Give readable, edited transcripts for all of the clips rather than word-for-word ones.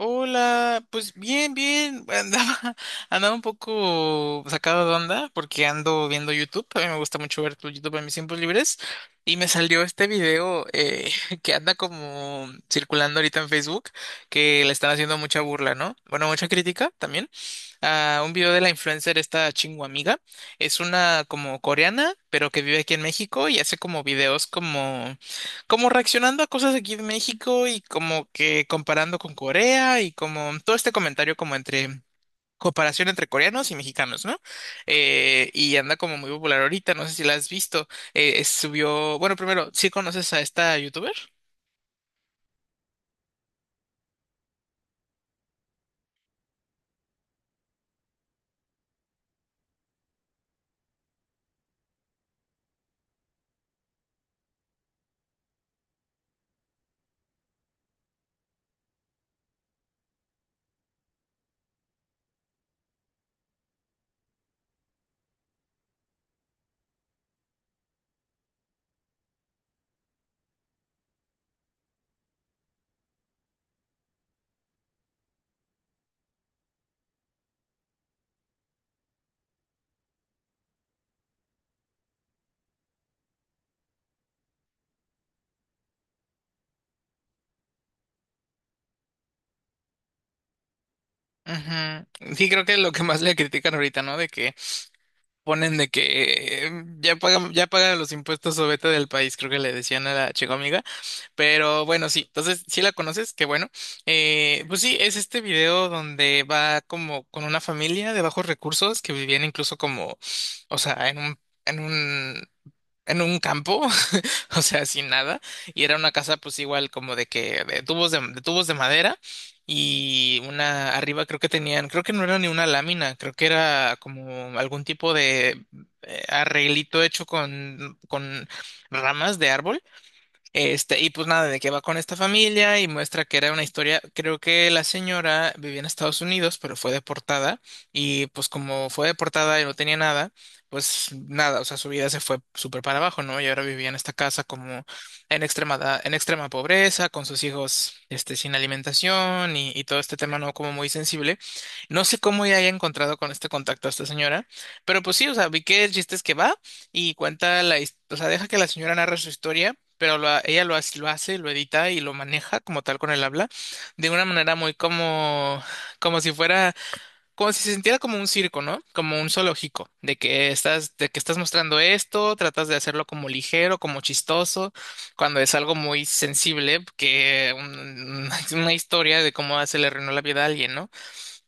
Hola, pues bien, bien. Andaba, andaba un poco sacado de onda porque ando viendo YouTube. A mí me gusta mucho ver tu YouTube en mis tiempos libres. Y me salió este video que anda como circulando ahorita en Facebook, que le están haciendo mucha burla, ¿no? Bueno, mucha crítica también. A un video de la influencer esta. Amiga. Es una como coreana, pero que vive aquí en México y hace como videos como reaccionando a cosas aquí de México y como que comparando con Corea y como todo este comentario como entre comparación entre coreanos y mexicanos, ¿no? Y anda como muy popular ahorita, no sé si la has visto. Subió, bueno, primero, ¿sí conoces a esta youtuber? Ujú. Sí, creo que es lo que más le critican ahorita, ¿no? De que ponen de que ya pagan los impuestos o vete del país, creo que le decían a la chica. Pero bueno, sí, entonces sí la conoces, qué bueno. Pues sí, es este video donde va como con una familia de bajos recursos que vivían incluso como, o sea, en un, en un campo, o sea, sin nada. Y era una casa pues igual como de que, de tubos de madera y una arriba creo que tenían, creo que no era ni una lámina, creo que era como algún tipo de arreglito hecho con ramas de árbol este, y pues nada, de que va con esta familia y muestra que era una historia, creo que la señora vivía en Estados Unidos, pero fue deportada y pues como fue deportada y no tenía nada, pues nada, o sea, su vida se fue súper para abajo, ¿no? Y ahora vivía en esta casa como en extrema, en extrema pobreza, con sus hijos, este, sin alimentación y todo este tema, ¿no? Como muy sensible. No sé cómo ya haya encontrado con este contacto a esta señora, pero pues sí, o sea, vi que el chiste es que va y cuenta la, o sea, deja que la señora narre su historia pero ella lo hace, lo edita y lo maneja como tal con el habla, de una manera muy como, como si fuera, como si se sintiera como un circo, ¿no? Como un zoológico, de que estás mostrando esto, tratas de hacerlo como ligero, como chistoso, cuando es algo muy sensible, que una historia de cómo se le arruinó la vida a alguien, ¿no?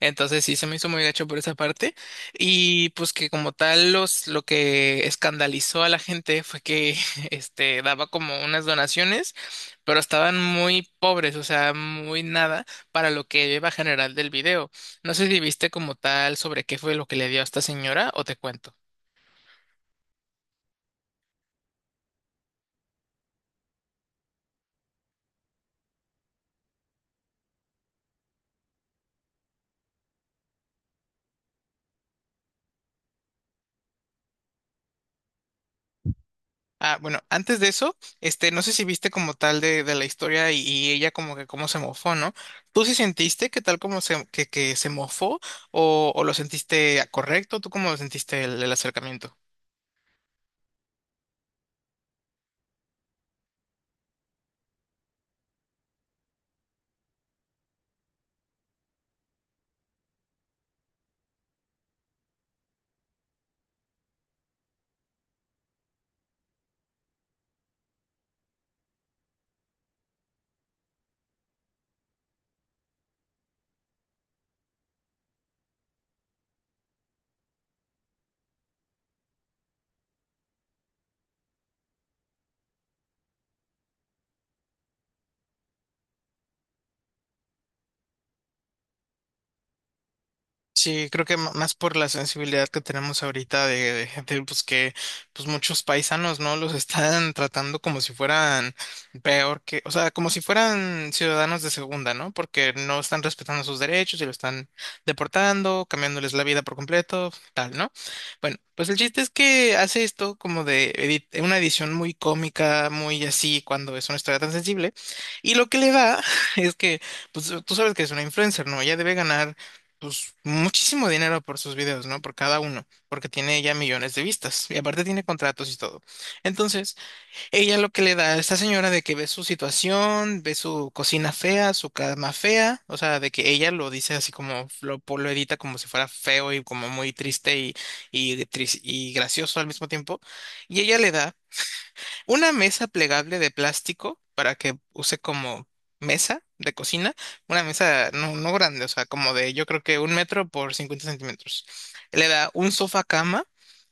Entonces sí se me hizo muy gacho por esa parte. Y pues que como tal los lo que escandalizó a la gente fue que este daba como unas donaciones, pero estaban muy pobres, o sea, muy nada para lo que iba general del video. No sé si viste como tal sobre qué fue lo que le dio a esta señora o te cuento. Ah, bueno, antes de eso, este, no sé si viste como tal de la historia y ella como que cómo se mofó, ¿no? ¿Tú sí sentiste que tal como se, que se mofó o lo sentiste correcto? ¿Tú cómo lo sentiste el acercamiento? Sí, creo que más por la sensibilidad que tenemos ahorita de gente, pues que pues muchos paisanos, ¿no? Los están tratando como si fueran peor que, o sea, como si fueran ciudadanos de segunda, ¿no? Porque no están respetando sus derechos y lo están deportando, cambiándoles la vida por completo, tal, ¿no? Bueno, pues el chiste es que hace esto como de una edición muy cómica, muy así, cuando es una historia tan sensible, y lo que le da es que, pues tú sabes que es una influencer, ¿no? Ella debe ganar pues muchísimo dinero por sus videos, ¿no? Por cada uno, porque tiene ya millones de vistas y aparte tiene contratos y todo. Entonces, ella lo que le da a esta señora de que ve su situación, ve su cocina fea, su cama fea, o sea, de que ella lo dice así como lo edita como si fuera feo y como muy triste y gracioso al mismo tiempo, y ella le da una mesa plegable de plástico para que use como mesa de cocina. Una mesa no, no grande, o sea, como de yo creo que un metro por 50 centímetros. Le da un sofá cama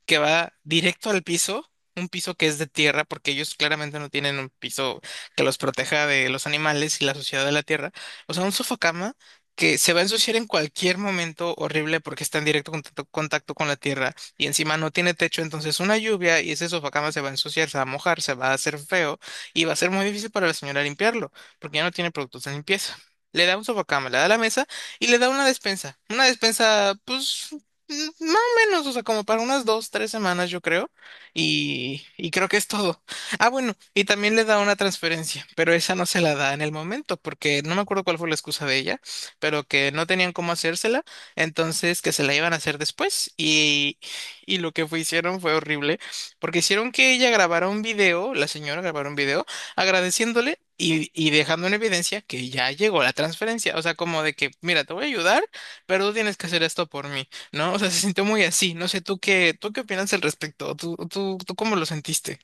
que va directo al piso, un piso que es de tierra, porque ellos claramente no tienen un piso que los proteja de los animales y la suciedad de la tierra. O sea, un sofá cama que se va a ensuciar en cualquier momento horrible porque está en directo contacto con la tierra y encima no tiene techo, entonces una lluvia y ese sofacama se va a ensuciar, se va a mojar, se va a hacer feo y va a ser muy difícil para la señora limpiarlo, porque ya no tiene productos de limpieza. Le da un sofacama, le da la mesa y le da una despensa. Una despensa, pues, mm, más o menos, o sea, como para unas dos, tres semanas, yo creo. Y creo que es todo. Ah, bueno, y también le da una transferencia, pero esa no se la da en el momento, porque no me acuerdo cuál fue la excusa de ella, pero que no tenían cómo hacérsela, entonces que se la iban a hacer después. Y lo que hicieron fue horrible, porque hicieron que ella grabara un video, la señora grabara un video, agradeciéndole y dejando en evidencia que ya llegó la transferencia, o sea, como de que, mira, te voy a ayudar, pero tú tienes que hacer esto por mí, ¿no? O sea, se sintió muy así, no sé, tú qué opinas al respecto? ¿Tú cómo lo sentiste?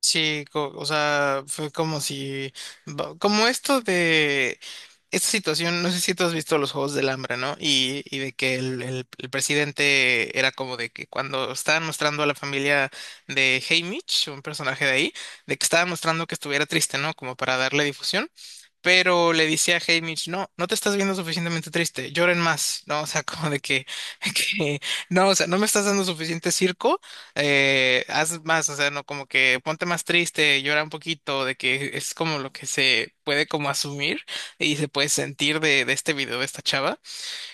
Sí, o sea, fue como si, como esto de esta situación, no sé si tú has visto Los Juegos del Hambre, ¿no? Y de que el presidente era como de que cuando estaban mostrando a la familia de Haymitch, un personaje de ahí, de que estaban mostrando que estuviera triste, ¿no? Como para darle difusión. Pero le decía a Haymitch, no, no te estás viendo suficientemente triste, lloren más, ¿no? O sea, como de que, que no, o sea, no me estás dando suficiente circo, haz más, o sea, no, como que ponte más triste, llora un poquito, de que es como lo que se puede como asumir y se puede sentir de este video de esta chava.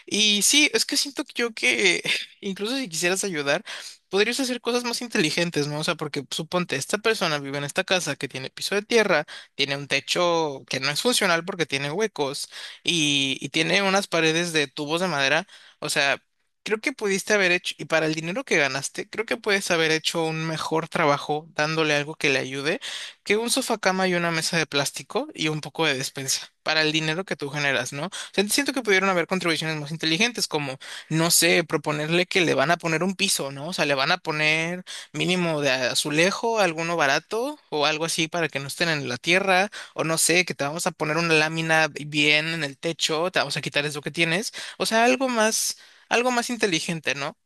Y sí, es que siento que yo que incluso si quisieras ayudar, podrías hacer cosas más inteligentes, ¿no? O sea, porque suponte, esta persona vive en esta casa que tiene piso de tierra, tiene un techo que no es funcional porque tiene huecos y tiene unas paredes de tubos de madera. O sea, creo que pudiste haber hecho, y para el dinero que ganaste, creo que puedes haber hecho un mejor trabajo dándole algo que le ayude que un sofá cama y una mesa de plástico y un poco de despensa para el dinero que tú generas, ¿no? Sea, siento que pudieron haber contribuciones más inteligentes, como, no sé, proponerle que le van a poner un piso, ¿no? O sea, le van a poner mínimo de azulejo, alguno barato o algo así para que no estén en la tierra, o no sé, que te vamos a poner una lámina bien en el techo, te vamos a quitar eso que tienes, o sea, algo más inteligente, ¿no?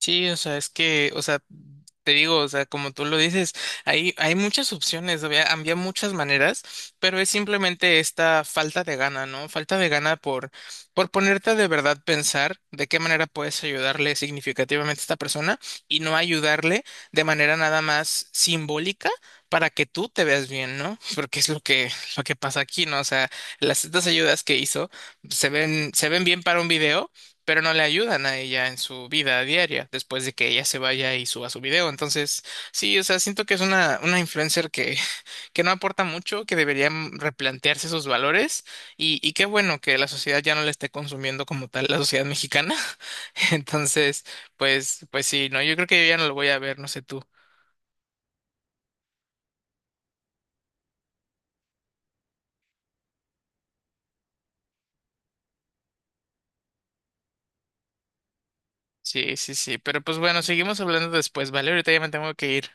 Sí, o sea, es que, o sea, te digo, o sea, como tú lo dices, hay muchas opciones, había, había muchas maneras, pero es simplemente esta falta de gana, ¿no? Falta de gana por ponerte a de verdad pensar de qué manera puedes ayudarle significativamente a esta persona y no ayudarle de manera nada más simbólica para que tú te veas bien, ¿no? Porque es lo que pasa aquí, ¿no? O sea, las estas ayudas que hizo se ven bien para un video pero no le ayudan a ella en su vida diaria después de que ella se vaya y suba su video. Entonces, sí, o sea, siento que es una influencer que, que no aporta mucho, que debería replantearse sus valores y qué bueno que la sociedad ya no la esté consumiendo como tal, la sociedad mexicana. Entonces, pues, pues sí, no, yo creo que yo ya no lo voy a ver, no sé tú. Sí, sí, sí, pero pues bueno, seguimos hablando después, ¿vale? Ahorita ya me tengo que ir.